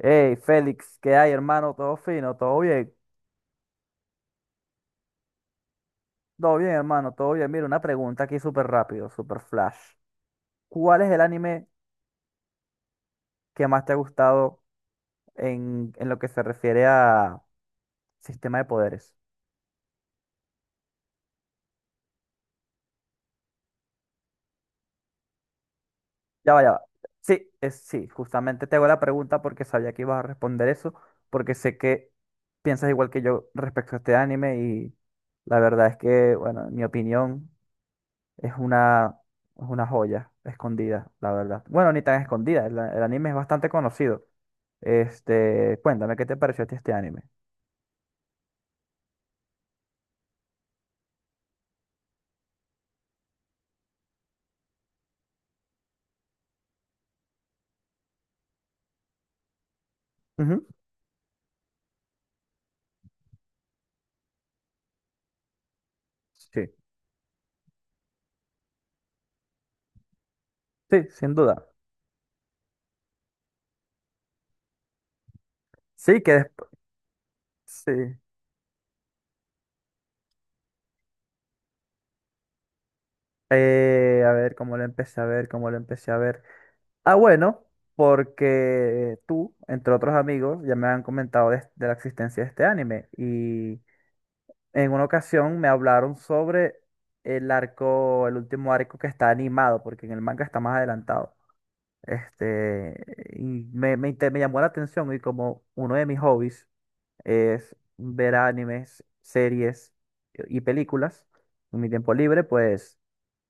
Hey, Félix, ¿qué hay, hermano? ¿Todo fino? ¿Todo bien? Todo bien, hermano, todo bien. Mira, una pregunta aquí súper rápido, súper flash. ¿Cuál es el anime que más te ha gustado en lo que se refiere a sistema de poderes? Ya va, ya va. Sí, justamente te hago la pregunta porque sabía que ibas a responder eso, porque sé que piensas igual que yo respecto a este anime y la verdad es que, bueno, en mi opinión, Es una, es una joya escondida, la verdad. Bueno, ni tan escondida, el anime es bastante conocido. Este, cuéntame, ¿qué te pareció a ti este anime? Ujú. Sí, sí, sin duda. Sí, que después, sí. A ver, cómo lo empecé a ver. Ah, bueno, porque tú, entre otros amigos, ya me han comentado de la existencia de este anime. Y en una ocasión me hablaron sobre el arco, el último arco que está animado, porque en el manga está más adelantado. Este, y me llamó la atención y como uno de mis hobbies es ver animes, series y películas en mi tiempo libre, pues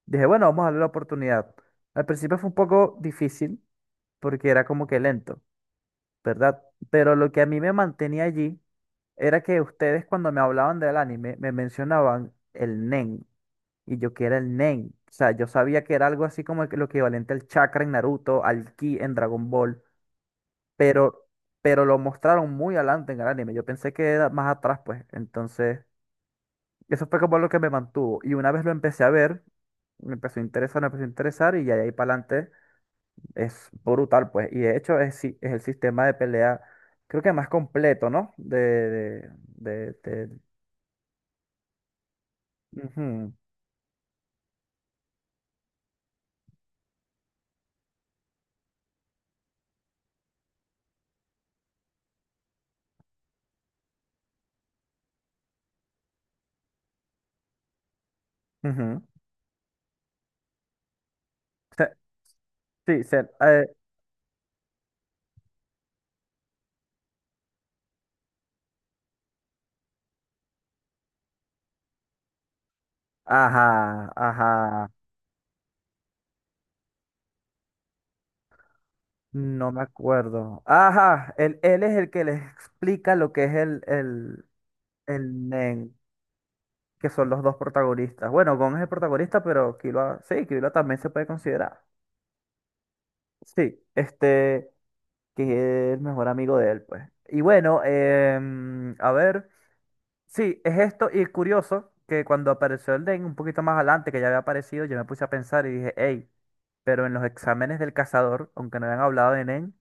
dije, bueno, vamos a darle la oportunidad. Al principio fue un poco difícil porque era como que lento, ¿verdad? Pero lo que a mí me mantenía allí era que ustedes cuando me hablaban del anime me mencionaban el Nen y yo que era el Nen. O sea, yo sabía que era algo así como que lo equivalente al chakra en Naruto, al ki en Dragon Ball, pero, pero lo mostraron muy adelante en el anime. Yo pensé que era más atrás, pues. Entonces, eso fue como lo que me mantuvo. Y una vez lo empecé a ver, me empezó a interesar y ya de ahí para adelante es brutal, pues. Y de hecho es, es el sistema de pelea, creo que más completo, ¿no? Ujú, ujú. Se- sí, se- eh, ajá, ajá. No me acuerdo. Ajá, él es el que les explica lo que es el Nen. Que son los dos protagonistas. Bueno, Gon es el protagonista, pero Killua, sí, Killua también se puede considerar. Sí, este, que es el mejor amigo de él, pues. Y bueno, a ver, sí, es esto, y curioso que cuando apareció el Den un poquito más adelante, que ya había aparecido, yo me puse a pensar y dije, hey, pero en los exámenes del cazador, aunque no habían hablado de Nen,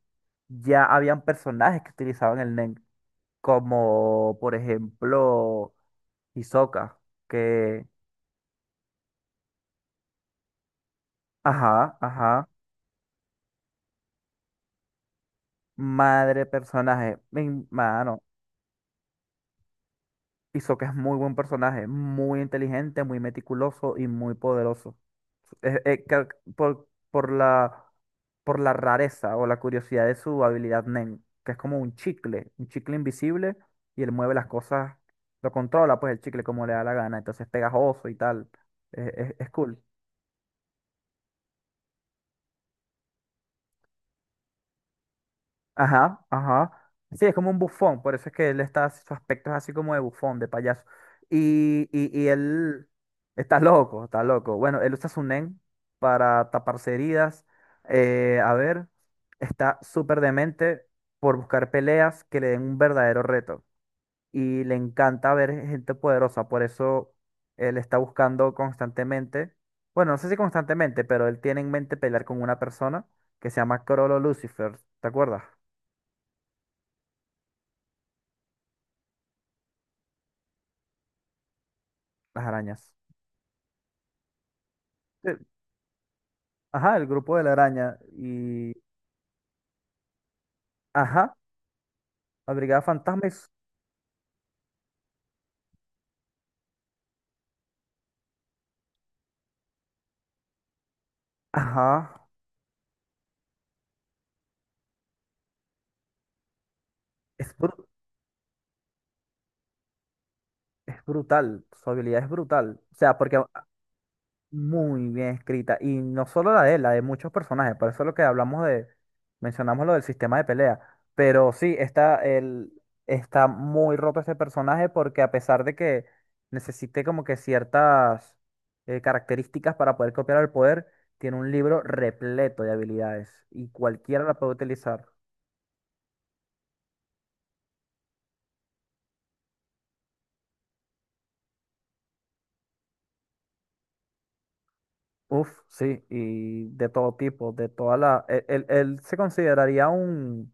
ya habían personajes que utilizaban el Nen, como por ejemplo Hisoka, que, ajá, ajá. Madre personaje, mi mano. Hizo que es muy buen personaje, muy inteligente, muy meticuloso y muy poderoso. Eh, eh, ca- por, por la, por la rareza o la curiosidad de su habilidad Nen, que es como un chicle invisible y él mueve las cosas, lo controla pues el chicle como le da la gana, entonces es pegajoso y tal. Es cool. Ajá, ajá. Sí, es como un bufón, por eso es que él está, su aspecto es así como de bufón, de payaso. Y, y él está loco, está loco. Bueno, él usa su nen para taparse heridas. A ver, está súper demente por buscar peleas que le den un verdadero reto. Y le encanta ver gente poderosa, por eso él está buscando constantemente, bueno, no sé si constantemente, pero él tiene en mente pelear con una persona que se llama Crollo Lucifer, ¿te acuerdas? Las arañas. Eh, Ajá, el grupo de la araña. Y. Ajá, la Brigada Fantasma es. Ajá. Es, bru- es brutal. Su habilidad es brutal. O sea, porque muy bien escrita. Y no solo la de él, la de muchos personajes. Por eso es lo que hablamos de, mencionamos lo del sistema de pelea. Pero sí, está, el, está muy roto este personaje porque a pesar de que necesite como que ciertas características para poder copiar el poder, tiene un libro repleto de habilidades y cualquiera la puede utilizar. Uf, sí, y de todo tipo, de toda la... él se consideraría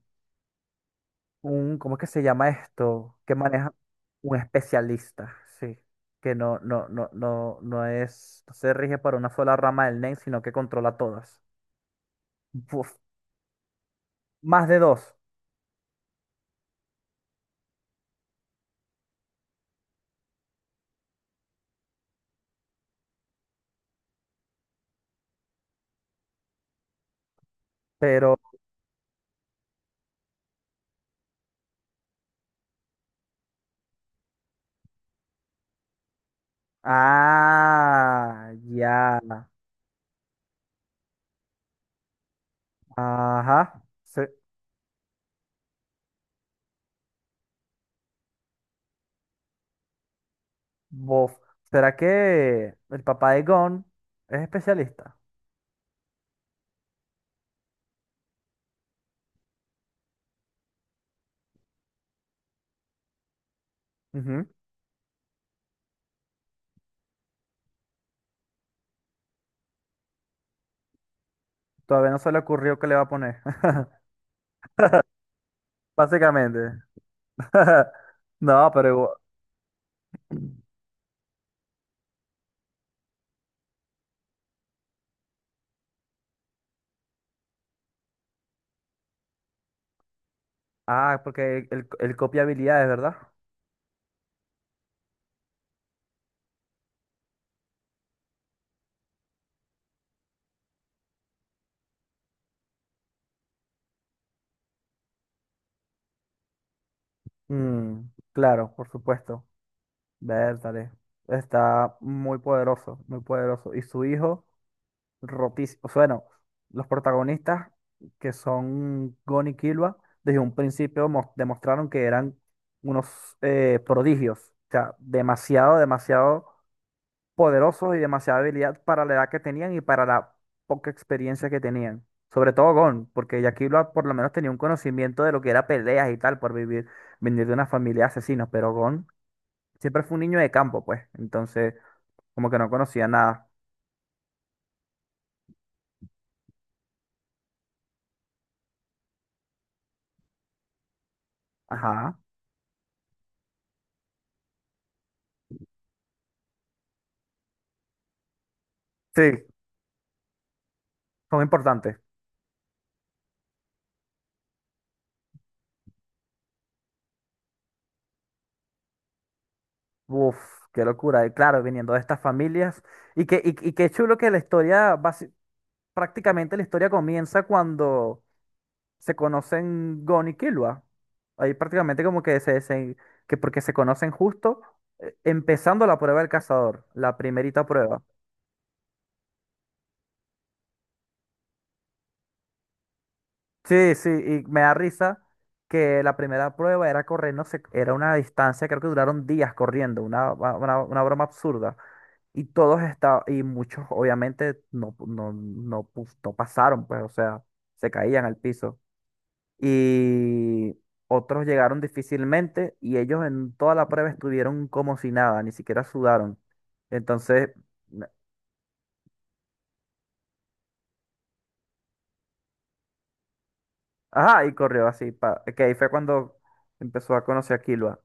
un, ¿cómo es que se llama esto? Que maneja un especialista, sí. Que no es, no se rige para una sola rama del NEM, sino que controla todas. Uf, más de dos, pero. Ah, ya. Ajá. Bof. ¿Será que el papá de Gon es especialista? Ujú. Todavía no se le ocurrió qué le va a poner. Básicamente. No, pero igual- Ah, porque él, él copia habilidades, ¿verdad? Mm, claro, por supuesto. Bertale. Está muy poderoso, muy poderoso. Y su hijo, rotísimo. O sea, bueno, los protagonistas, que son Gon y Killua, desde un principio demostraron que eran unos prodigios. O sea, demasiado, demasiado poderosos y demasiada habilidad para la edad que tenían y para la poca experiencia que tenían. Sobre todo Gon, porque Yakilo por lo menos tenía un conocimiento de lo que era peleas y tal, por vivir, venir de una familia de asesinos, pero Gon siempre fue un niño de campo, pues, entonces como que no conocía nada. Ajá. Sí, son importantes. Uf, qué locura. Y claro, viniendo de estas familias. Y que y qué chulo que la historia, prácticamente la historia comienza cuando se conocen Gon y Killua. Ahí prácticamente como que que porque se conocen justo empezando la prueba del cazador, la primerita prueba. Sí, sí, y me da risa que la primera prueba era correr, no sé, era una distancia, creo que duraron días corriendo, una broma absurda. Y todos estaban, y muchos obviamente no pasaron, pues, o sea, se caían al piso. Y otros llegaron difícilmente y ellos en toda la prueba estuvieron como si nada, ni siquiera sudaron. Entonces, na- ajá, y corrió así, pa, que ahí fue cuando empezó a conocer a Killua,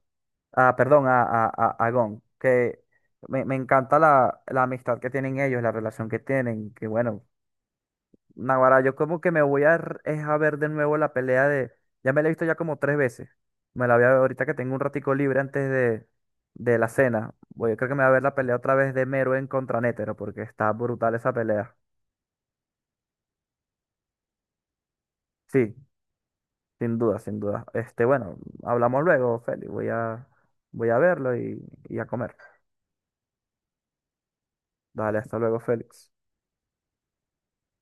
ah, perdón, a Gon, que me encanta la amistad que tienen ellos, la relación que tienen, que bueno, Naguará, yo como que me voy a, es a ver de nuevo la pelea de... Ya me la he visto ya como tres veces. Me la voy a ver ahorita que tengo un ratico libre antes de la cena. Voy, creo que me voy a ver la pelea otra vez de Mero en contra Nétero, porque está brutal esa pelea. Sí, sin duda, sin duda. Este, bueno, hablamos luego, Félix. Voy a, voy a verlo y a comer. Dale, hasta luego, Félix.